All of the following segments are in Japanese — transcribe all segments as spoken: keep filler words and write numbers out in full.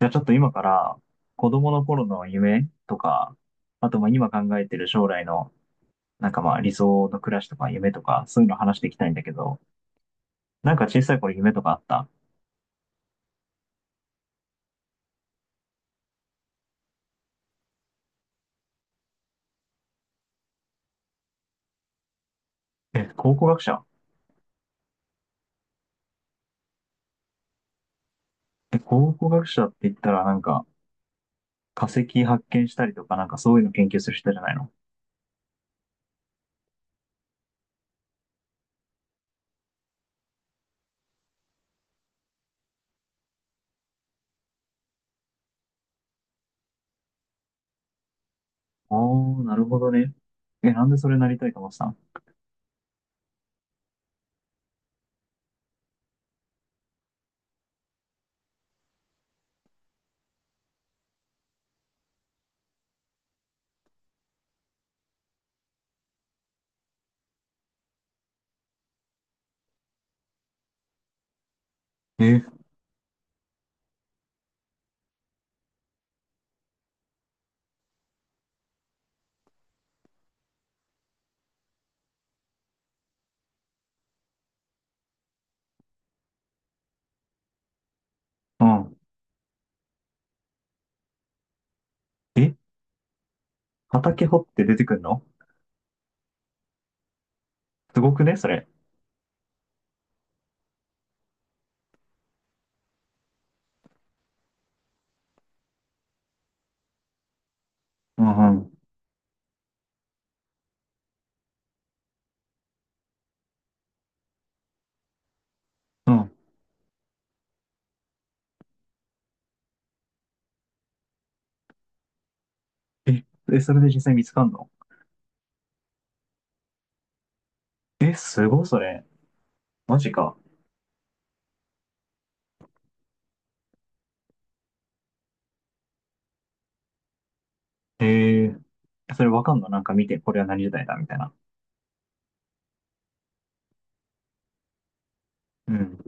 じゃあちょっと今から子供の頃の夢とか、あとまあ今考えてる将来のなんかまあ理想の暮らしとか夢とかそういうの話していきたいんだけど、なんか小さい頃夢とかあった？え、考古学者？え、考古学者って言ったらなんか化石発見したりとかなんかそういうの研究する人じゃないの？ああー、なるほどね。え、なんでそれなりたいと思ってたの？え、うん。え、畑掘って出てくんの？すごくね、それ。うんうん。うん。え、え、それで実際見つかんの？え、すごいそれ。マジか。へえ。それわかんのなんか見て、これは何時代だみたいな。うん。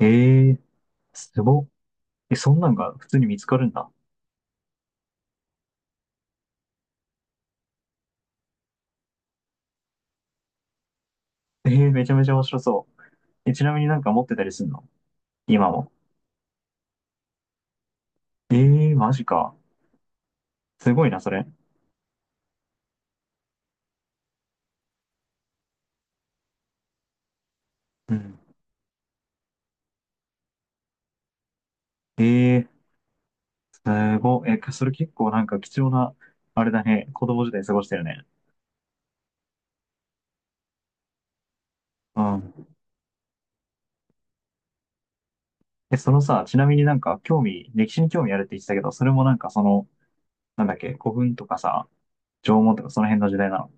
へえ。すごっ。え、そんなんが普通に見つかるんだ。えー、めちゃめちゃ面白そう。え、ちなみになんか持ってたりすんの？今も。えー、マジか。すごいな、それ。うん。えー、すごい。え、それ結構なんか貴重な、あれだね。子供時代過ごしてるね。うん。え、そのさ、ちなみになんか興味、歴史に興味あるって言ってたけど、それもなんかその、なんだっけ、古墳とかさ、縄文とかその辺の時代なの？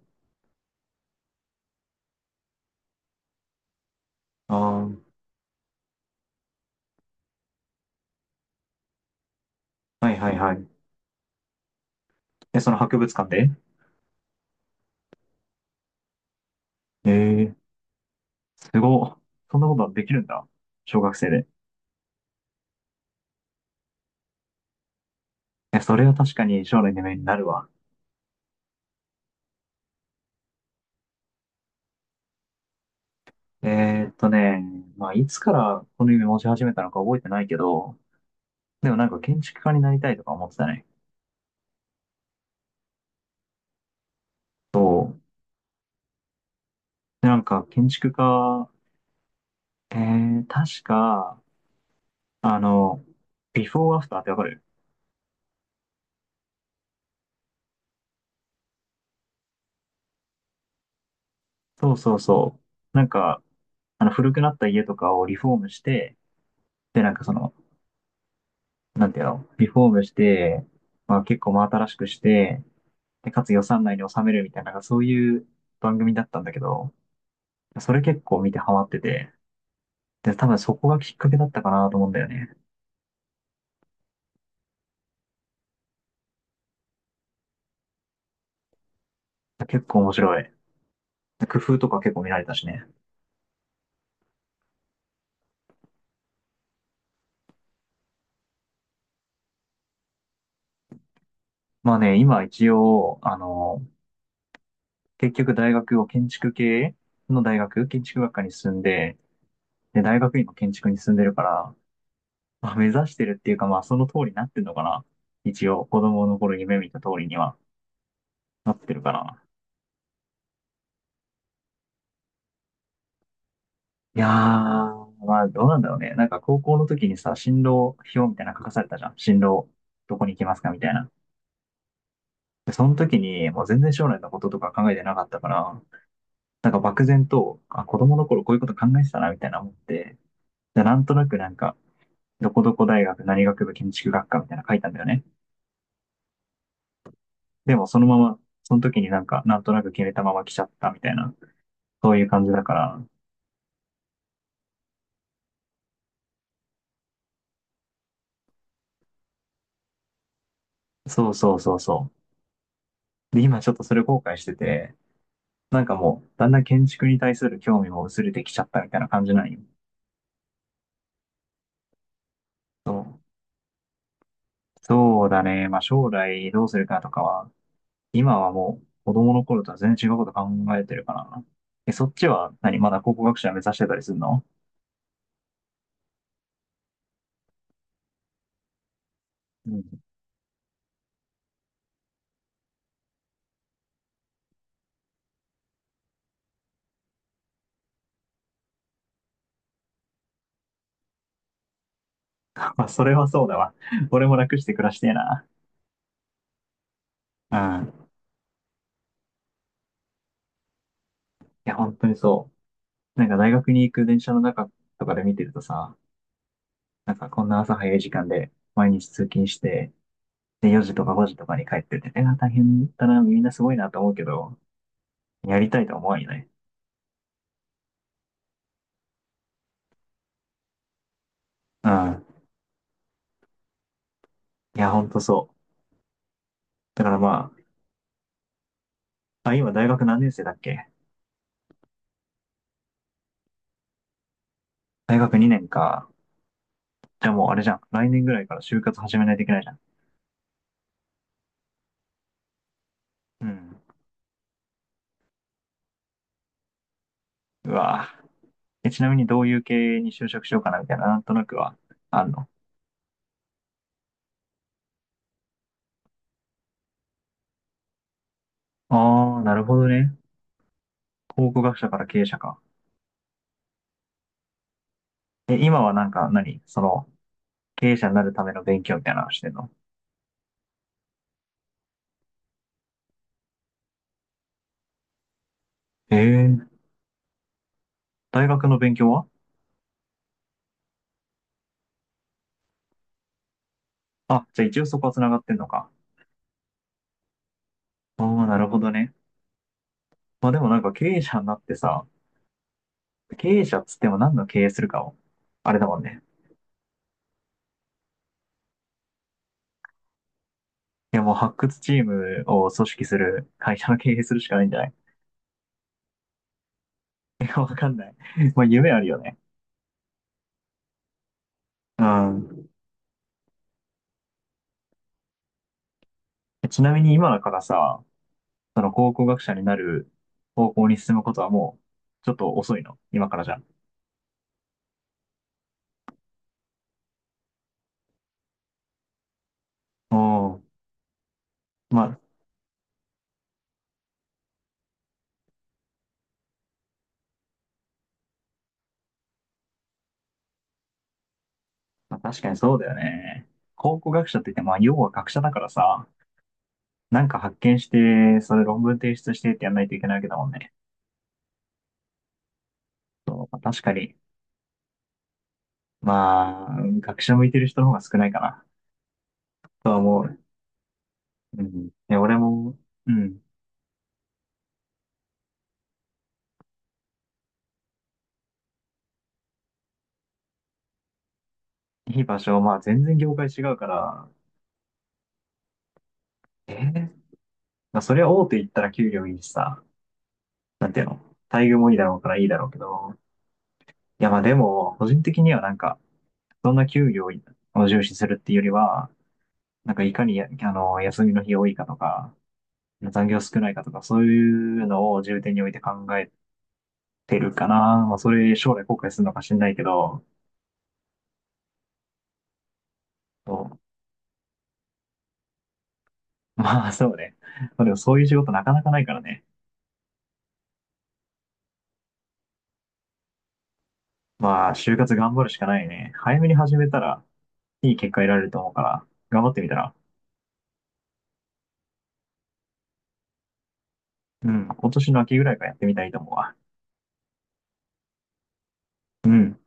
ああー、はいはいはい。え、その博物館で？ええー、すごっ。そんなことできるんだ。小学生で。え、それは確かに将来の夢になるわ。えーっとね、まあ、いつからこの夢持ち始めたのか覚えてないけど、でもなんか建築家になりたいとか思ってたね。そう。で、なんか建築家、えー、確か、あの、ビフォーアフターってわかる？そうそうそう。なんか、あの、古くなった家とかをリフォームして、で、なんかその、なんていうの、リフォームして、まあ結構真新しくして、で、かつ予算内に収めるみたいな、なんかそういう番組だったんだけど、それ結構見てハマってて、で、多分そこがきっかけだったかなと思うんだよね。結構面白い。で工夫とか結構見られたしね。まあね、今一応、あの、結局大学を建築系の大学、建築学科に進んで、で、大学院も建築に進んでるから、まあ、目指してるっていうか、まあその通りになってんのかな。一応、子供の頃夢見た通りにはなってるかな。いやー、まあ、どうなんだろうね。なんか高校の時にさ、進路表みたいなの書かされたじゃん。進路、どこに行きますかみたいな。で、その時に、もう全然将来のこととか考えてなかったから、なんか漠然と、あ、子供の頃こういうこと考えてたな、みたいな思って、で、なんとなくなんか、どこどこ大学何学部建築学科みたいなの書いたんだよね。でもそのまま、その時になんか、なんとなく決めたまま来ちゃったみたいな、そういう感じだから、そうそうそうそう。で、今ちょっとそれ後悔してて、なんかもう、だんだん建築に対する興味も薄れてきちゃったみたいな感じなんよ。そう。そうだね。まあ将来どうするかとかは、今はもう子供の頃とは全然違うこと考えてるからな。え、そっちは何まだ考古学者目指してたりするの？うん。まあそれはそうだわ。俺も楽して暮らしてえな。うん。いや、本当にそう。なんか大学に行く電車の中とかで見てるとさ、なんかこんな朝早い時間で毎日通勤して、でよじとかごじとかに帰ってて、え、大変だな、みんなすごいなと思うけど、やりたいとは思わなよね。うん。いや、ほんとそう。だからまあ、あ、今大学何年生だっけ？大学にねんか。じゃあもうあれじゃん。来年ぐらいから就活始めないといけないじゃん。うん。うわぁ。え、ちなみにどういう系に就職しようかなみたいな、なんとなくはあんの。ああ、なるほどね。考古学者から経営者か。え、今はなんか何その、経営者になるための勉強みたいなのしてんの？ええ大学の勉強は？あ、じゃあ一応そこは繋がってんのか。ああ、なるほどね。まあでもなんか経営者になってさ、経営者っつっても何の経営するかを、あれだもんね。いや、もう発掘チームを組織する会社の経営するしかないんじゃない？ いやわかんない。まあ、夢あるよね。うん。ちなみに今だからさ、その考古学者になる方向に進むことはもう、ちょっと遅いの？今からじゃ。おお。まあ、まあ確かにそうだよね。考古学者って言って、まあ、要は学者だからさ、なんか発見して、それ論文提出してってやんないといけないわけだもんね。そう、まあ確かに。まあ、学者向いてる人の方が少ないかな、とは思う。うん。ね、俺も、うん。いい場所、まあ全然業界違うから、えーまあそりゃ大手行ったら給料いいしさ、なんていうの、待遇もいいだろうからいいだろうけど、いやまあでも、個人的にはなんか、そんな給料を重視するっていうよりは、なんかいかにや、あの、休みの日多いかとか、残業少ないかとか、そういうのを重点に置いて考えてるかな。まあそれ将来後悔するのかしんないけど、そう まあ、そうね。まあ、でもそういう仕事なかなかないからね。まあ、就活頑張るしかないね。早めに始めたら、いい結果得られると思うから、頑張ってみたら。うん、今年の秋ぐらいからやってみたいと思うわ。うん。